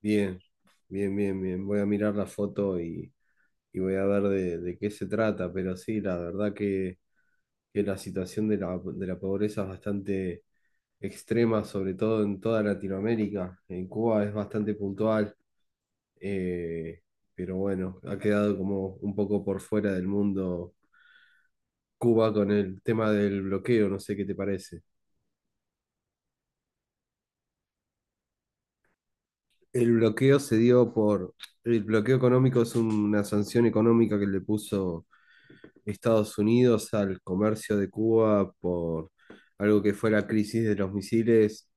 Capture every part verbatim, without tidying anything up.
Bien, bien, bien, bien. Voy a mirar la foto y, y voy a ver de, de qué se trata, pero sí, la verdad que, que la situación de la, de la pobreza es bastante extrema, sobre todo en toda Latinoamérica. En Cuba es bastante puntual. eh, pero bueno, ha quedado como un poco por fuera del mundo Cuba con el tema del bloqueo, no sé qué te parece. El bloqueo se dio por... El bloqueo económico es una sanción económica que le puso Estados Unidos al comercio de Cuba por algo que fue la crisis de los misiles,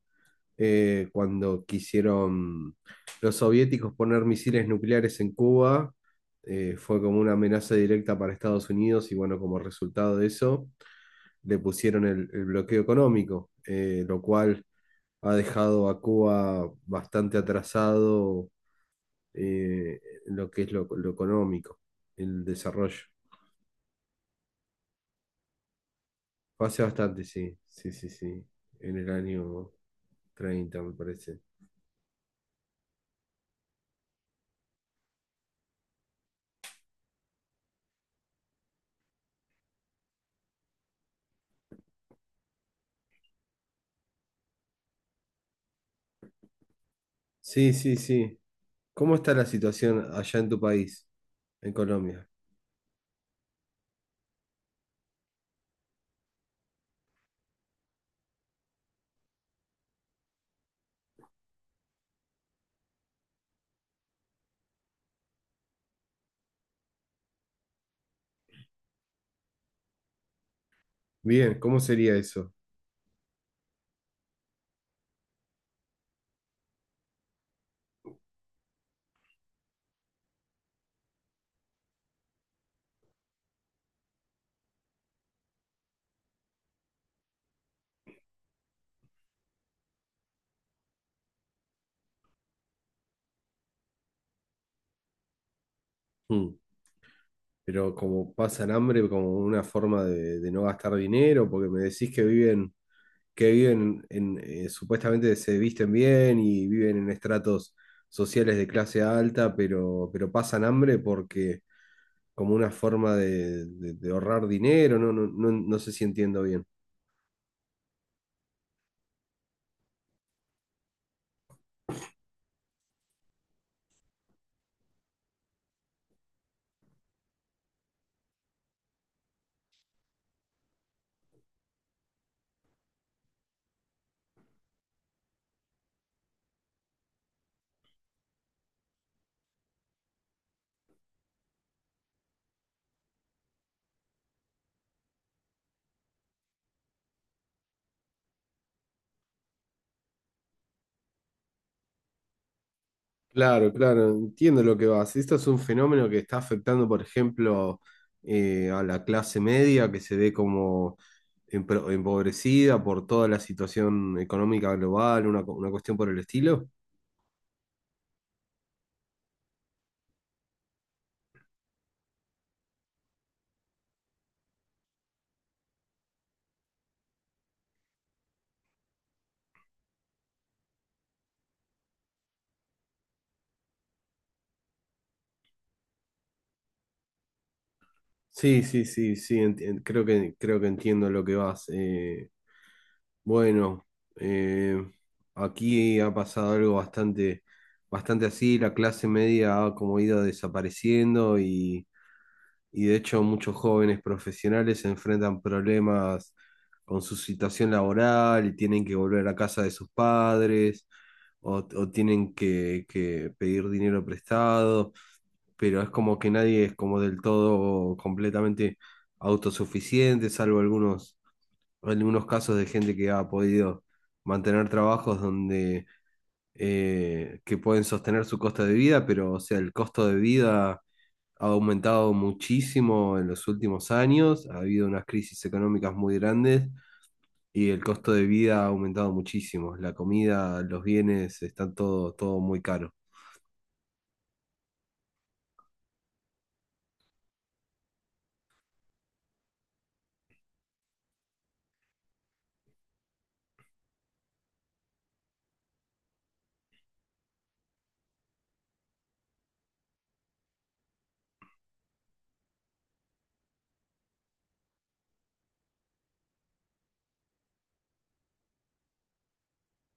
eh, cuando quisieron los soviéticos poner misiles nucleares en Cuba. Eh, fue como una amenaza directa para Estados Unidos y bueno, como resultado de eso le pusieron el, el bloqueo económico. Eh, lo cual ha dejado a Cuba bastante atrasado, eh, en lo que es lo, lo económico, el desarrollo. Fue hace bastante, sí, sí, sí, sí, en el año treinta me parece. Sí, sí, sí. ¿Cómo está la situación allá en tu país, en Colombia? Bien, ¿cómo sería eso? Hmm. Pero como pasan hambre, como una forma de, de no gastar dinero, porque me decís que viven, que viven en, eh, supuestamente se visten bien y viven en estratos sociales de clase alta, pero, pero pasan hambre porque como una forma de, de- de ahorrar dinero. No, no, no, no sé si entiendo bien. Claro, claro, entiendo lo que vas. Esto es un fenómeno que está afectando, por ejemplo, eh, a la clase media, que se ve como empro- empobrecida por toda la situación económica global, una, cu- una cuestión por el estilo. Sí, sí, sí, sí, enti- creo que, creo que entiendo lo que vas. Eh, bueno, eh, aquí ha pasado algo bastante, bastante así. La clase media ha como ido desapareciendo, y, y de hecho muchos jóvenes profesionales se enfrentan problemas con su situación laboral y tienen que volver a casa de sus padres, o, o tienen que, que pedir dinero prestado, pero es como que nadie es como del todo completamente autosuficiente, salvo algunos, algunos casos de gente que ha podido mantener trabajos donde eh, que pueden sostener su costo de vida. Pero o sea, el costo de vida ha aumentado muchísimo en los últimos años, ha habido unas crisis económicas muy grandes y el costo de vida ha aumentado muchísimo. La comida, los bienes, están todo, todo muy caro.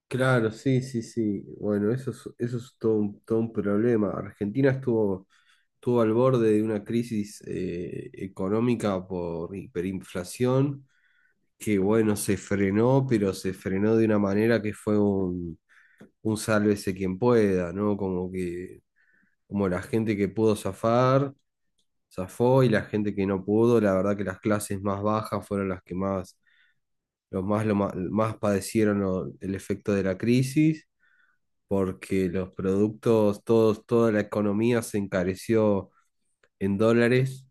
Claro, sí, sí, sí. Bueno, eso es, eso es todo un, todo un problema. Argentina estuvo, estuvo al borde de una crisis eh, económica por hiperinflación, que bueno, se frenó, pero se frenó de una manera que fue un, un sálvese quien pueda, ¿no? Como que, como la gente que pudo zafar, zafó, y la gente que no pudo, la verdad que las clases más bajas fueron las que más, los más, lo más, más padecieron lo- el efecto de la crisis. Porque los productos, todos, toda la economía se encareció en dólares.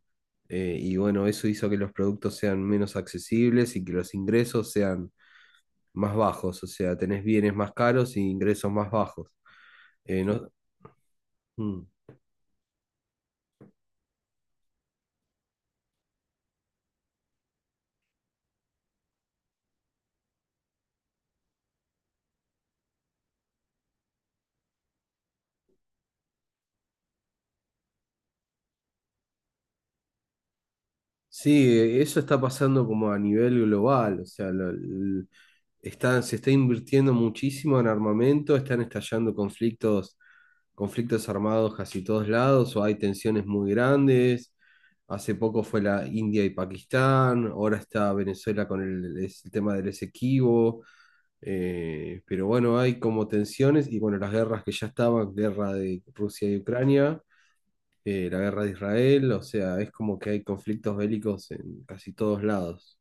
eh, Y bueno, eso hizo que los productos sean menos accesibles y que los ingresos sean más bajos, o sea, tenés bienes más caros y ingresos más bajos. Eh, no. Mm. Sí, eso está pasando como a nivel global, o sea, lo- l- está- se está invirtiendo muchísimo en armamento, están estallando conflictos, conflictos armados casi todos lados, o hay tensiones muy grandes. Hace poco fue la India y Pakistán, ahora está Venezuela con el, es- el tema del Esequibo. Eh, pero bueno, hay como tensiones y bueno, las guerras que ya estaban, guerra de Rusia y Ucrania, eh, la guerra de Israel, o sea, es como que hay conflictos bélicos en casi todos lados.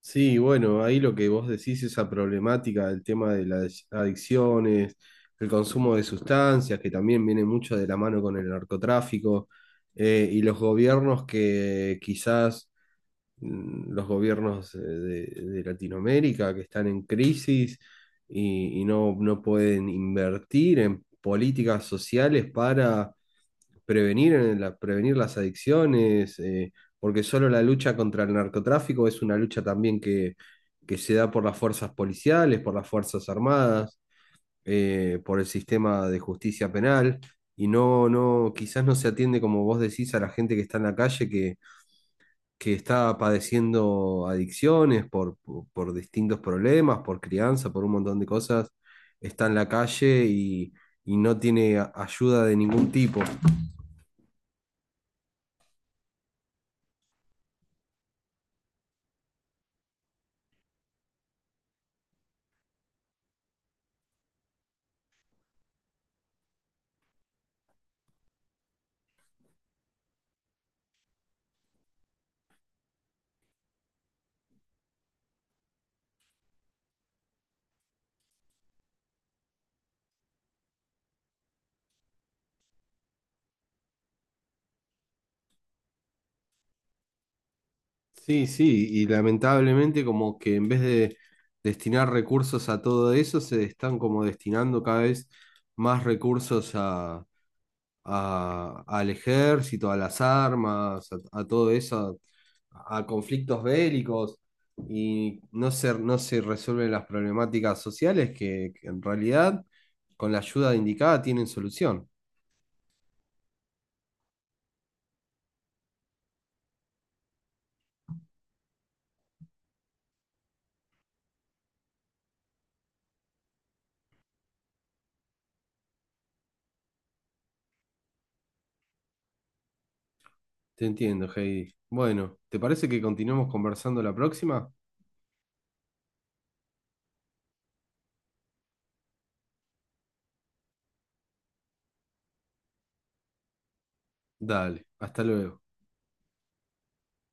Sí, bueno, ahí lo que vos decís, esa problemática del tema de las adicciones, el consumo de sustancias, que también viene mucho de la mano con el narcotráfico. Eh, y los gobiernos que quizás mm, los gobiernos eh, de, de Latinoamérica que están en crisis y, y no, no pueden invertir en políticas sociales para prevenir, eh, la- prevenir las adicciones. Eh, porque solo la lucha contra el narcotráfico es una lucha también que, que se da por las fuerzas policiales, por las fuerzas armadas, eh, por el sistema de justicia penal. Y no, no, quizás no se atiende, como vos decís, a la gente que está en la calle que, que está padeciendo adicciones por, por por distintos problemas, por crianza, por un montón de cosas, está en la calle y y no tiene a- ayuda de ningún tipo. Sí, sí, y lamentablemente como que en vez de destinar recursos a todo eso, se están como destinando cada vez más recursos a, a- al ejército, a las armas, a, a todo eso, a conflictos bélicos, y no se, no se resuelven las problemáticas sociales que, que en realidad con la ayuda indicada tienen solución. Te entiendo, Heidi. Bueno, ¿te parece que continuemos conversando la próxima? Dale, hasta luego.